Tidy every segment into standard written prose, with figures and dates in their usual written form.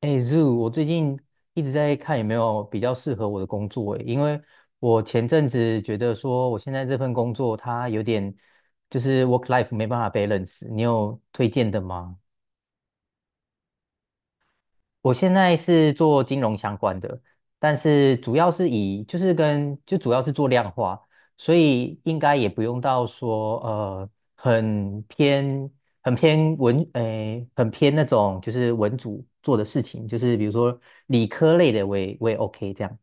哎，Zoo，我最近一直在看有没有比较适合我的工作诶，因为我前阵子觉得说我现在这份工作它有点就是 work life 没办法 balance，你有推荐的吗？我现在是做金融相关的，但是主要是以就是跟就主要是做量化，所以应该也不用到说很偏很偏文诶、很偏那种就是文组做的事情，就是比如说理科类的我也 OK 这样。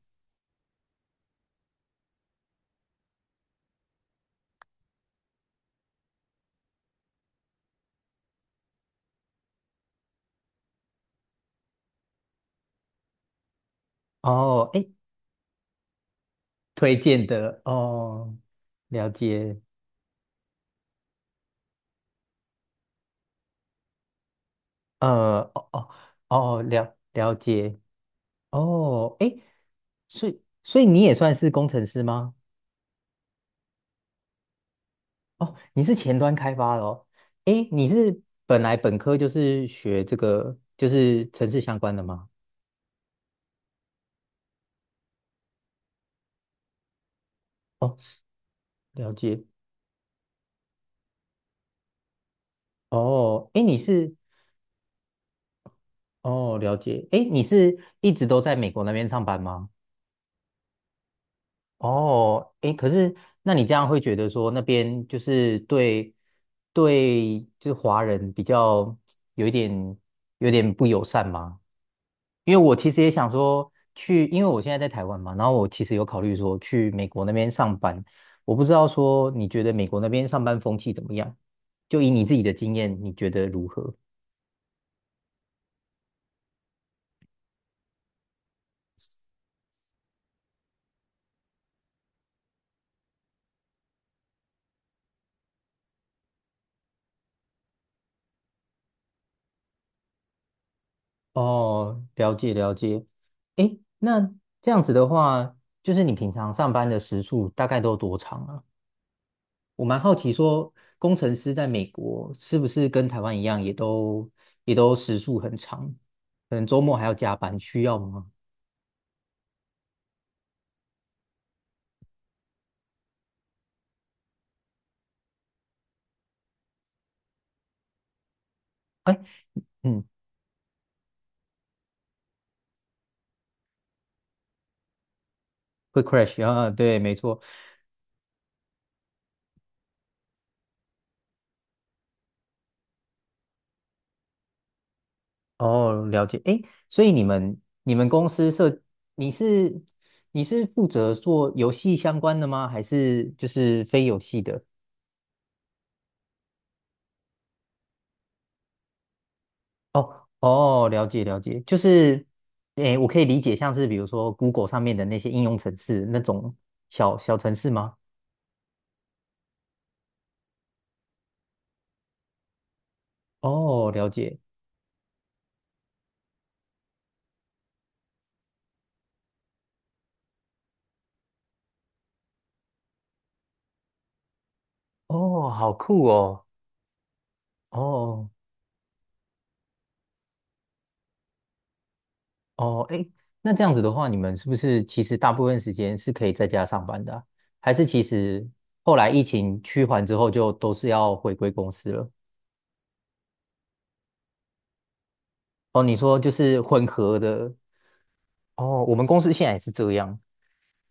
哦，诶，推荐的哦，了解，哦哦哦，了解，哦，诶，所以你也算是工程师吗？哦，你是前端开发的哦。诶，你是本科就是学这个，就是城市相关的吗？哦，了解。哦，诶，你是哦，了解。诶，你是一直都在美国那边上班吗？哦，诶，可是那你这样会觉得说那边就是对对，就是华人比较有一点有点不友善吗？因为我其实也想说去，因为我现在在台湾嘛，然后我其实有考虑说去美国那边上班。我不知道说你觉得美国那边上班风气怎么样？就以你自己的经验，你觉得如何？哦，了解了解。诶，那这样子的话，就是你平常上班的时数大概都多长啊？我蛮好奇说，工程师在美国是不是跟台湾一样，也都时数很长，可能周末还要加班，需要吗？哎。嗯会 crash 啊，对，没错。哦，了解。诶，所以你们公司你是你是负责做游戏相关的吗？还是就是非游戏的？哦哦，了解了解，就是诶，我可以理解像是比如说 Google 上面的那些应用程式那种小小程式吗？哦，了解。哦，好酷哦。哦，哦，哎，那这样子的话，你们是不是其实大部分时间是可以在家上班的啊还是其实后来疫情趋缓之后，就都是要回归公司了？哦，你说就是混合的。哦，我们公司现在也是这样。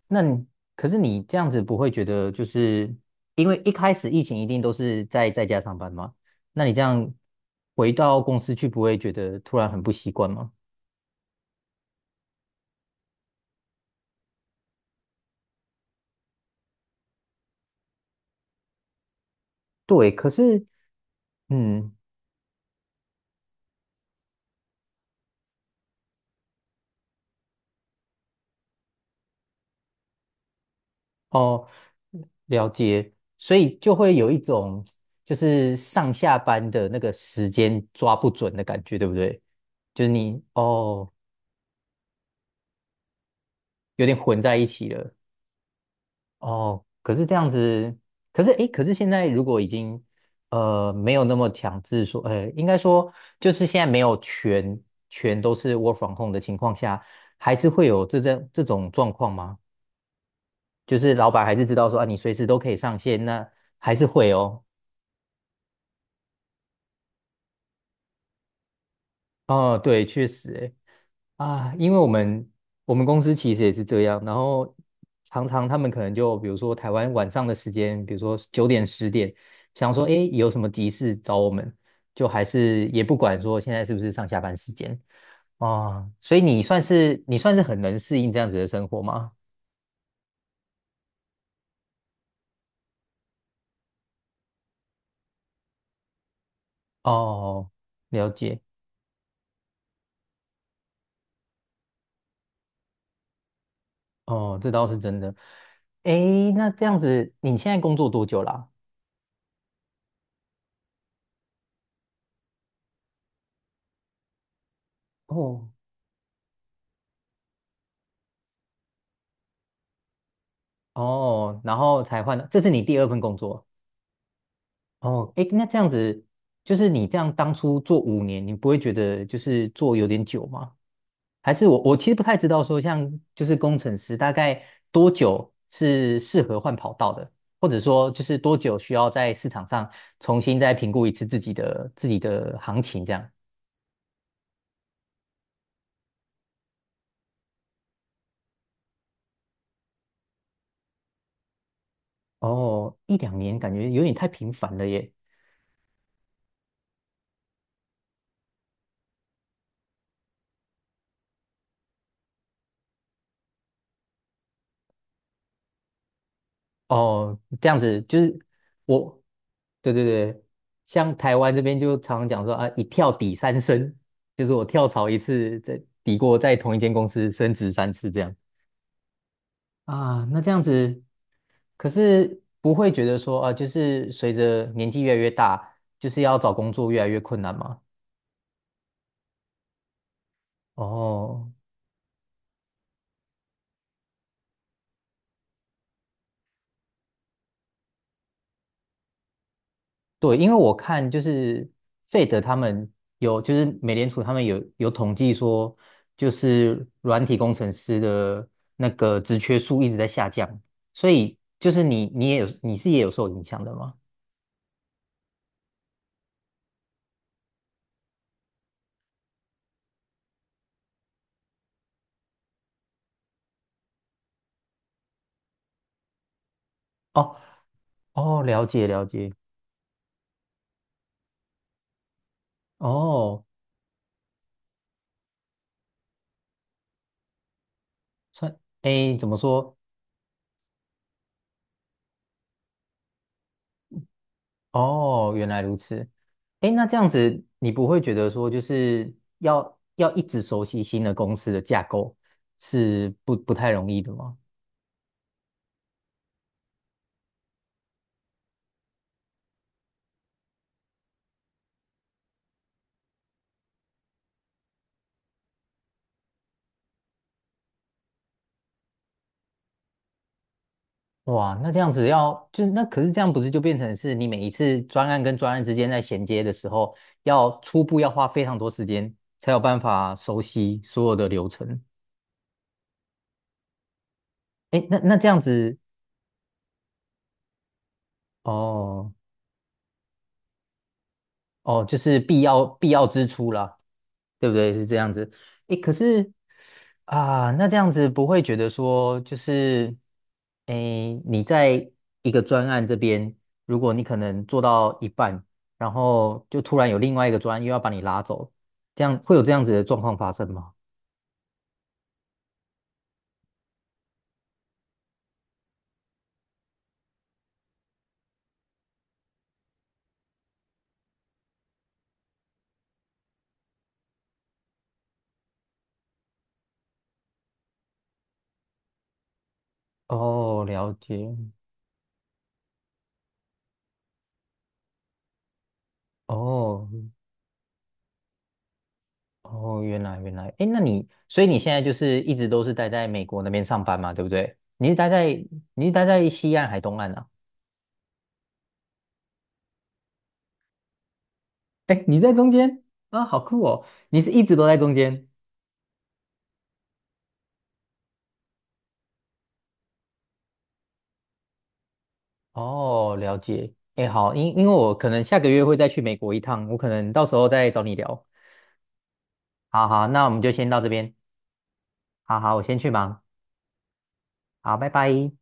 那你可是你这样子不会觉得就是因为一开始疫情一定都是在家上班吗？那你这样回到公司去，不会觉得突然很不习惯吗？对，可是嗯。哦，了解，所以就会有一种就是上下班的那个时间抓不准的感觉，对不对？就是你哦，有点混在一起了哦。可是这样子，可是诶，可是现在如果已经没有那么强制说，应该说就是现在没有全都是 work from home 的情况下，还是会有这种状况吗？就是老板还是知道说啊，你随时都可以上线，那还是会哦。哦，对，确实诶，啊，因为我们公司其实也是这样，然后常常他们可能就比如说台湾晚上的时间，比如说9点10点，想说诶有什么急事找我们，就还是也不管说现在是不是上下班时间哦，所以你算是很能适应这样子的生活吗？哦，了解，哦，这倒是真的。诶，那这样子你现在工作多久啦？哦哦，然后才换的，这是你第二份工作。哦，哎，那这样子，就是你这样当初做5年，你不会觉得就是做有点久吗？还是我其实不太知道说，像就是工程师大概多久是适合换跑道的，或者说就是多久需要在市场上重新再评估一次自己的行情这样。哦，一两年感觉有点太频繁了耶。哦，这样子就是我，对对对，像台湾这边就常常讲说啊，一跳抵三升，就是我跳槽一次，再抵过在同一间公司升职三次这样啊。那这样子，可是不会觉得说啊，就是随着年纪越来越大，就是要找工作越来越困难吗？哦，对，因为我看就是费德他们有，就是美联储他们有统计说，就是软体工程师的那个职缺数一直在下降，所以就是你你也有你是也有受影响的吗？哦哦，了解了解，哦，算，哎，怎么说？哦，原来如此。哎，那这样子你不会觉得说就是要一直熟悉新的公司的架构是不太容易的吗？哇，那这样子要就那可是这样不是就变成是你每一次专案跟专案之间在衔接的时候，要初步要花非常多时间才有办法熟悉所有的流程。诶，那这样子哦，哦，就是必要支出啦，对不对？是这样子。诶，可是啊，那这样子不会觉得说，就是诶，你在一个专案这边，如果你可能做到一半，然后就突然有另外一个专案又要把你拉走，这样会有这样子的状况发生吗？哦，了解。哦哦，原来原来，哎，那你所以你现在就是一直都是待在美国那边上班嘛，对不对？你是待在西岸还东岸啊？哎，你在中间啊，好酷哦！你是一直都在中间哦，了解。哎，好，因为我可能下个月会再去美国一趟，我可能到时候再找你聊。好好，那我们就先到这边。好好，我先去忙。好，拜拜。